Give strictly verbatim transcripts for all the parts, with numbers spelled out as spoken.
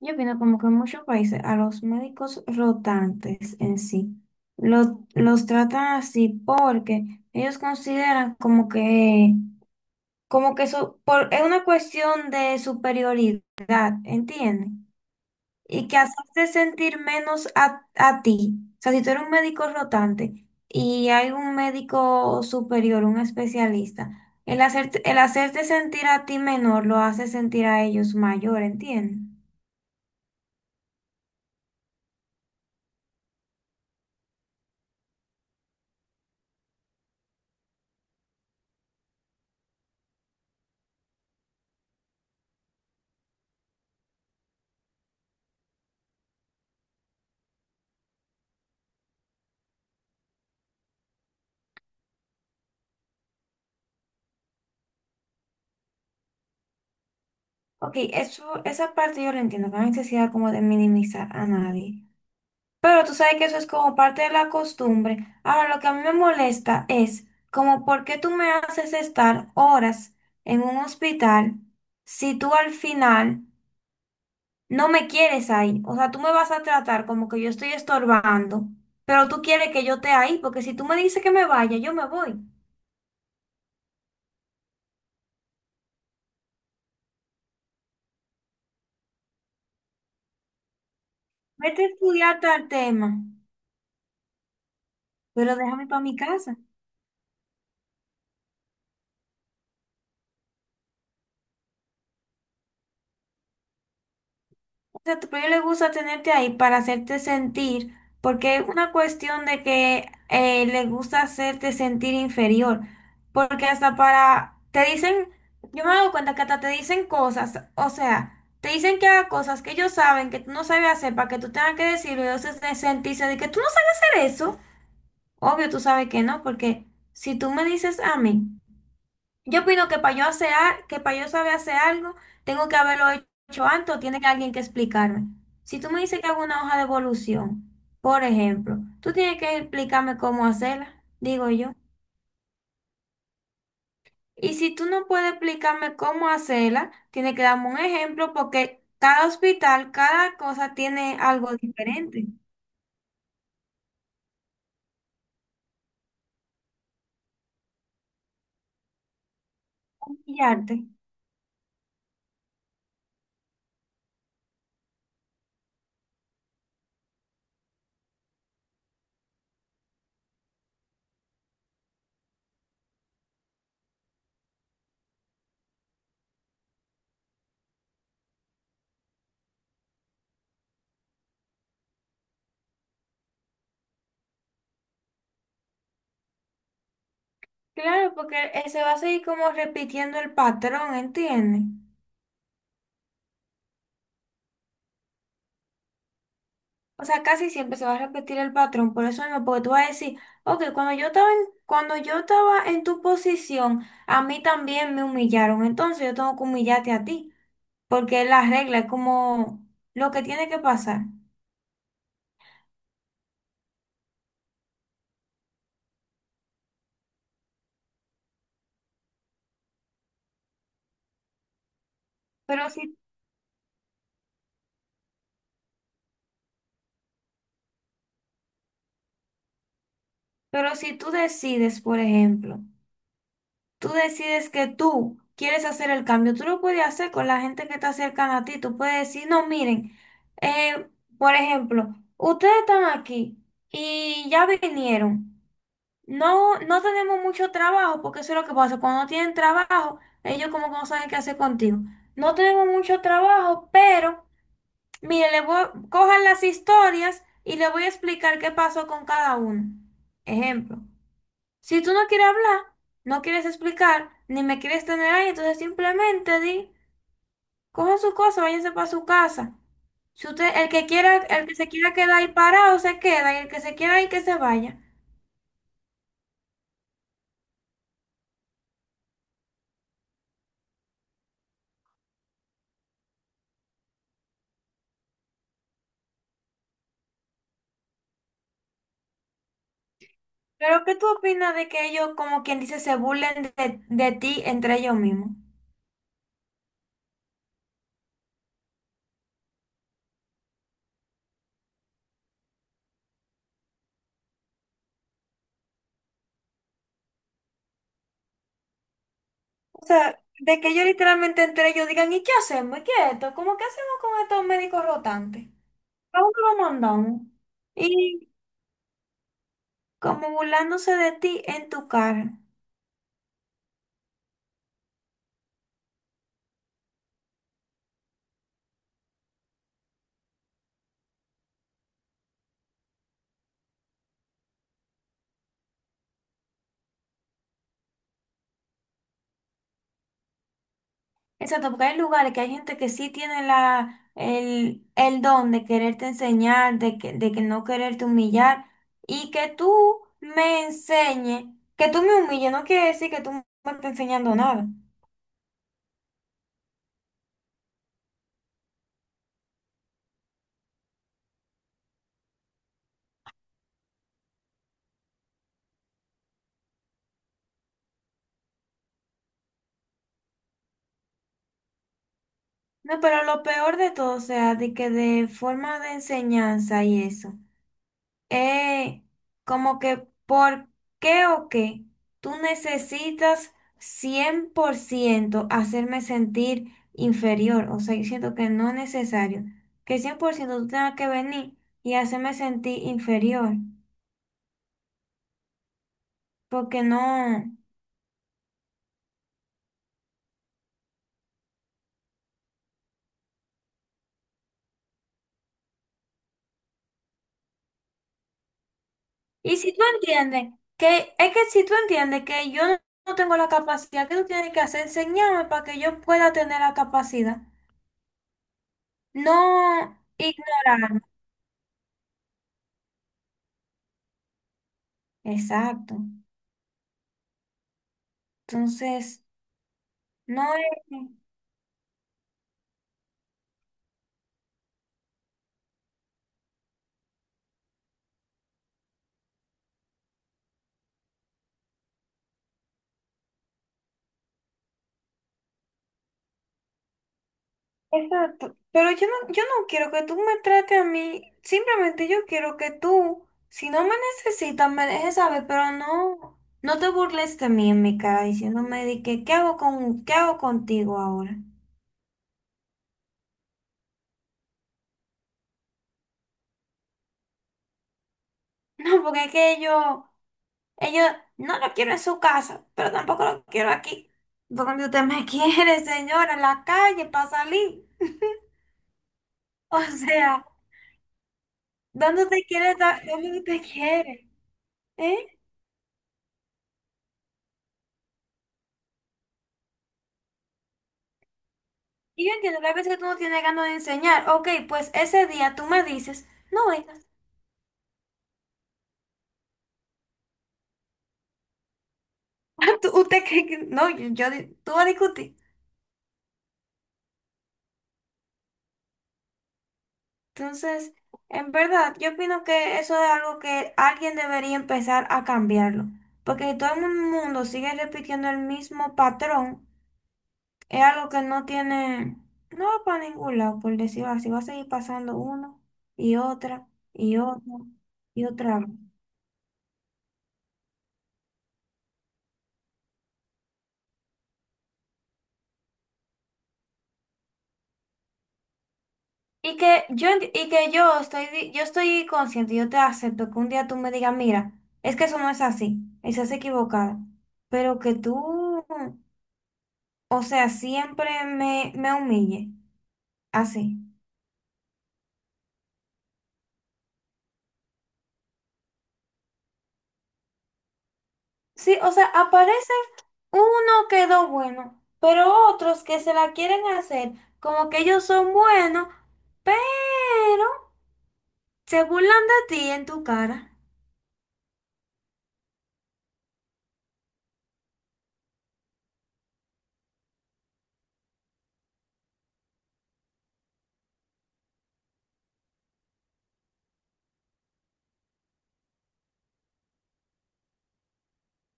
Yo opino como que en muchos países a los médicos rotantes en sí lo- los tratan así porque ellos consideran como que como que eso por, es una cuestión de superioridad, ¿entiendes? Y que hacerte sentir menos a, a ti. O sea, si tú eres un médico rotante y hay un médico superior, un especialista, el hacerte, el hacerte sentir a ti menor lo hace sentir a ellos mayor, ¿entiendes? Ok, eso, esa parte yo la entiendo, que no hay necesidad como de minimizar a nadie. Pero tú sabes que eso es como parte de la costumbre. Ahora, lo que a mí me molesta es como por qué tú me haces estar horas en un hospital si tú al final no me quieres ahí. O sea, tú me vas a tratar como que yo estoy estorbando, pero tú quieres que yo esté ahí, porque si tú me dices que me vaya, yo me voy. Vete a estudiar tal tema, pero déjame para mi casa. Sea, a tu proyecto le gusta tenerte ahí para hacerte sentir, porque es una cuestión de que eh, le gusta hacerte sentir inferior, porque hasta para, te dicen, yo me doy cuenta que hasta te dicen cosas, o sea, te dicen que haga cosas que ellos saben que tú no sabes hacer para que tú tengas que decirlo, y entonces de sentirse de que tú no sabes hacer eso, obvio tú sabes que no, porque si tú me dices a mí, yo opino que para yo hacer, al- que para yo saber hacer algo, tengo que haberlo hecho antes o tiene que alguien que explicarme. Si tú me dices que hago una hoja de evolución, por ejemplo, tú tienes que explicarme cómo hacerla, digo yo. Y si tú no puedes explicarme cómo hacerla, tienes que darme un ejemplo porque cada hospital, cada cosa tiene algo diferente. Y arte. Claro, porque eh, se va a seguir como repitiendo el patrón, ¿entiendes? O sea, casi siempre se va a repetir el patrón, por eso mismo, porque tú vas a decir, ok, cuando yo estaba en, cuando yo estaba en tu posición, a mí también me humillaron, entonces yo tengo que humillarte a ti, porque es la regla, es como lo que tiene que pasar. Pero si, pero si tú decides, por ejemplo, tú decides que tú quieres hacer el cambio, tú lo puedes hacer con la gente que está cercana a ti, tú puedes decir, no, miren, eh, por ejemplo, ustedes están aquí y ya vinieron. No, no tenemos mucho trabajo, porque eso es lo que pasa. Cuando no tienen trabajo, ellos como que no saben qué hacer contigo. No tenemos mucho trabajo, pero mire, le voy, cojan las historias y le voy a explicar qué pasó con cada uno. Ejemplo, si tú no quieres hablar, no quieres explicar, ni me quieres tener ahí, entonces simplemente di, cojan su cosa, váyanse para su casa. Si usted, el que quiera, el que se quiera quedar ahí parado, se queda, y el que se quiera ir, que se vaya. Pero ¿qué tú opinas de que ellos, como quien dice, se burlen de, de ti entre ellos mismos? O sea, de que ellos literalmente entre ellos digan, ¿y qué hacemos? ¿Y qué es esto? ¿Cómo qué hacemos con estos médicos rotantes? ¿A dónde los mandamos? Y como burlándose de ti en tu cara. Exacto, porque hay lugares que hay gente que sí tiene la, el, el don de quererte enseñar, de que, de que no quererte humillar, y que tú me enseñes, que tú me humilles, no quiere decir que tú me estés enseñando nada. No, pero lo peor de todo, o sea, de que de forma de enseñanza y eso, es como que por qué o qué tú necesitas cien por ciento hacerme sentir inferior, o sea, yo siento que no es necesario, que cien por ciento tú tengas que venir y hacerme sentir inferior, porque no... Y si tú entiendes que, es que si tú entiendes que yo no no tengo la capacidad, ¿que tú tienes que hacer? Enseñarme para que yo pueda tener la capacidad. No ignorar. Exacto. Entonces, no es... Exacto. Pero yo no, yo no quiero que tú me trates a mí. Simplemente yo quiero que tú, si no me necesitas, me dejes saber, pero no, no te burles de mí en mi cara diciéndome de que, ¿qué hago con, qué hago contigo ahora? No, porque es que yo, ellos no lo quiero en su casa, pero tampoco lo quiero aquí. Donde usted me quiere, señora, en la calle para salir. O sea. ¿Dónde te quieres dar? ¿Dónde te quieres? ¿Eh? Y yo entiendo que a veces tú no tienes ganas de enseñar. Ok, pues ese día tú me dices, no vengas. Ah, tú- ¿usted cree que no? Yo, yo di- tú vas a discutir. Entonces, en verdad, yo opino que eso es algo que alguien debería empezar a cambiarlo. Porque si todo el mundo sigue repitiendo el mismo patrón, es algo que no tiene, no va para ningún lado, por decirlo así. Va a seguir pasando uno y otra y otra y otra vez. Y que yo, enti- y que yo estoy, di- yo estoy consciente, yo te acepto que un día tú me digas, mira, es que eso no es así, estás equivocada, pero que tú, o sea, siempre me, me humille, así. Sí, o sea, aparece uno quedó bueno, pero otros que se la quieren hacer, como que ellos son buenos, pero se burlan de ti en tu cara.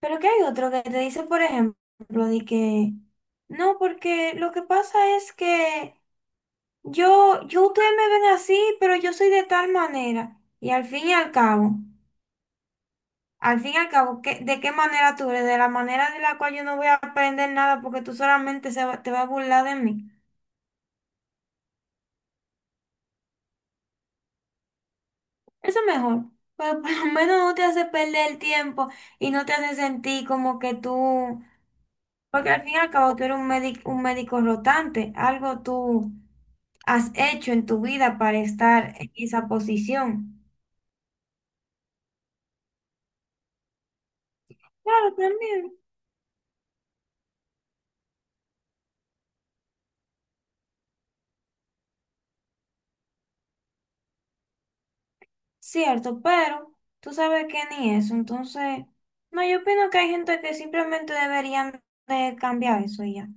Pero que hay otro que te dice, por ejemplo, de que no, porque lo que pasa es que yo, yo, ustedes me ven así, pero yo soy de tal manera. Y al fin y al cabo, al fin y al cabo, ¿qué- ¿de qué manera tú eres? De la manera de la cual yo no voy a aprender nada porque tú solamente se va- te vas a burlar de mí. Eso es mejor. Pero por lo menos no te hace perder el tiempo y no te hace sentir como que tú, porque al fin y al cabo tú eres un médico, un médico rotante, algo tú has hecho en tu vida para estar en esa posición. Claro, también, cierto, pero tú sabes que ni eso, entonces, no, yo opino que hay gente que simplemente deberían de cambiar eso y ya.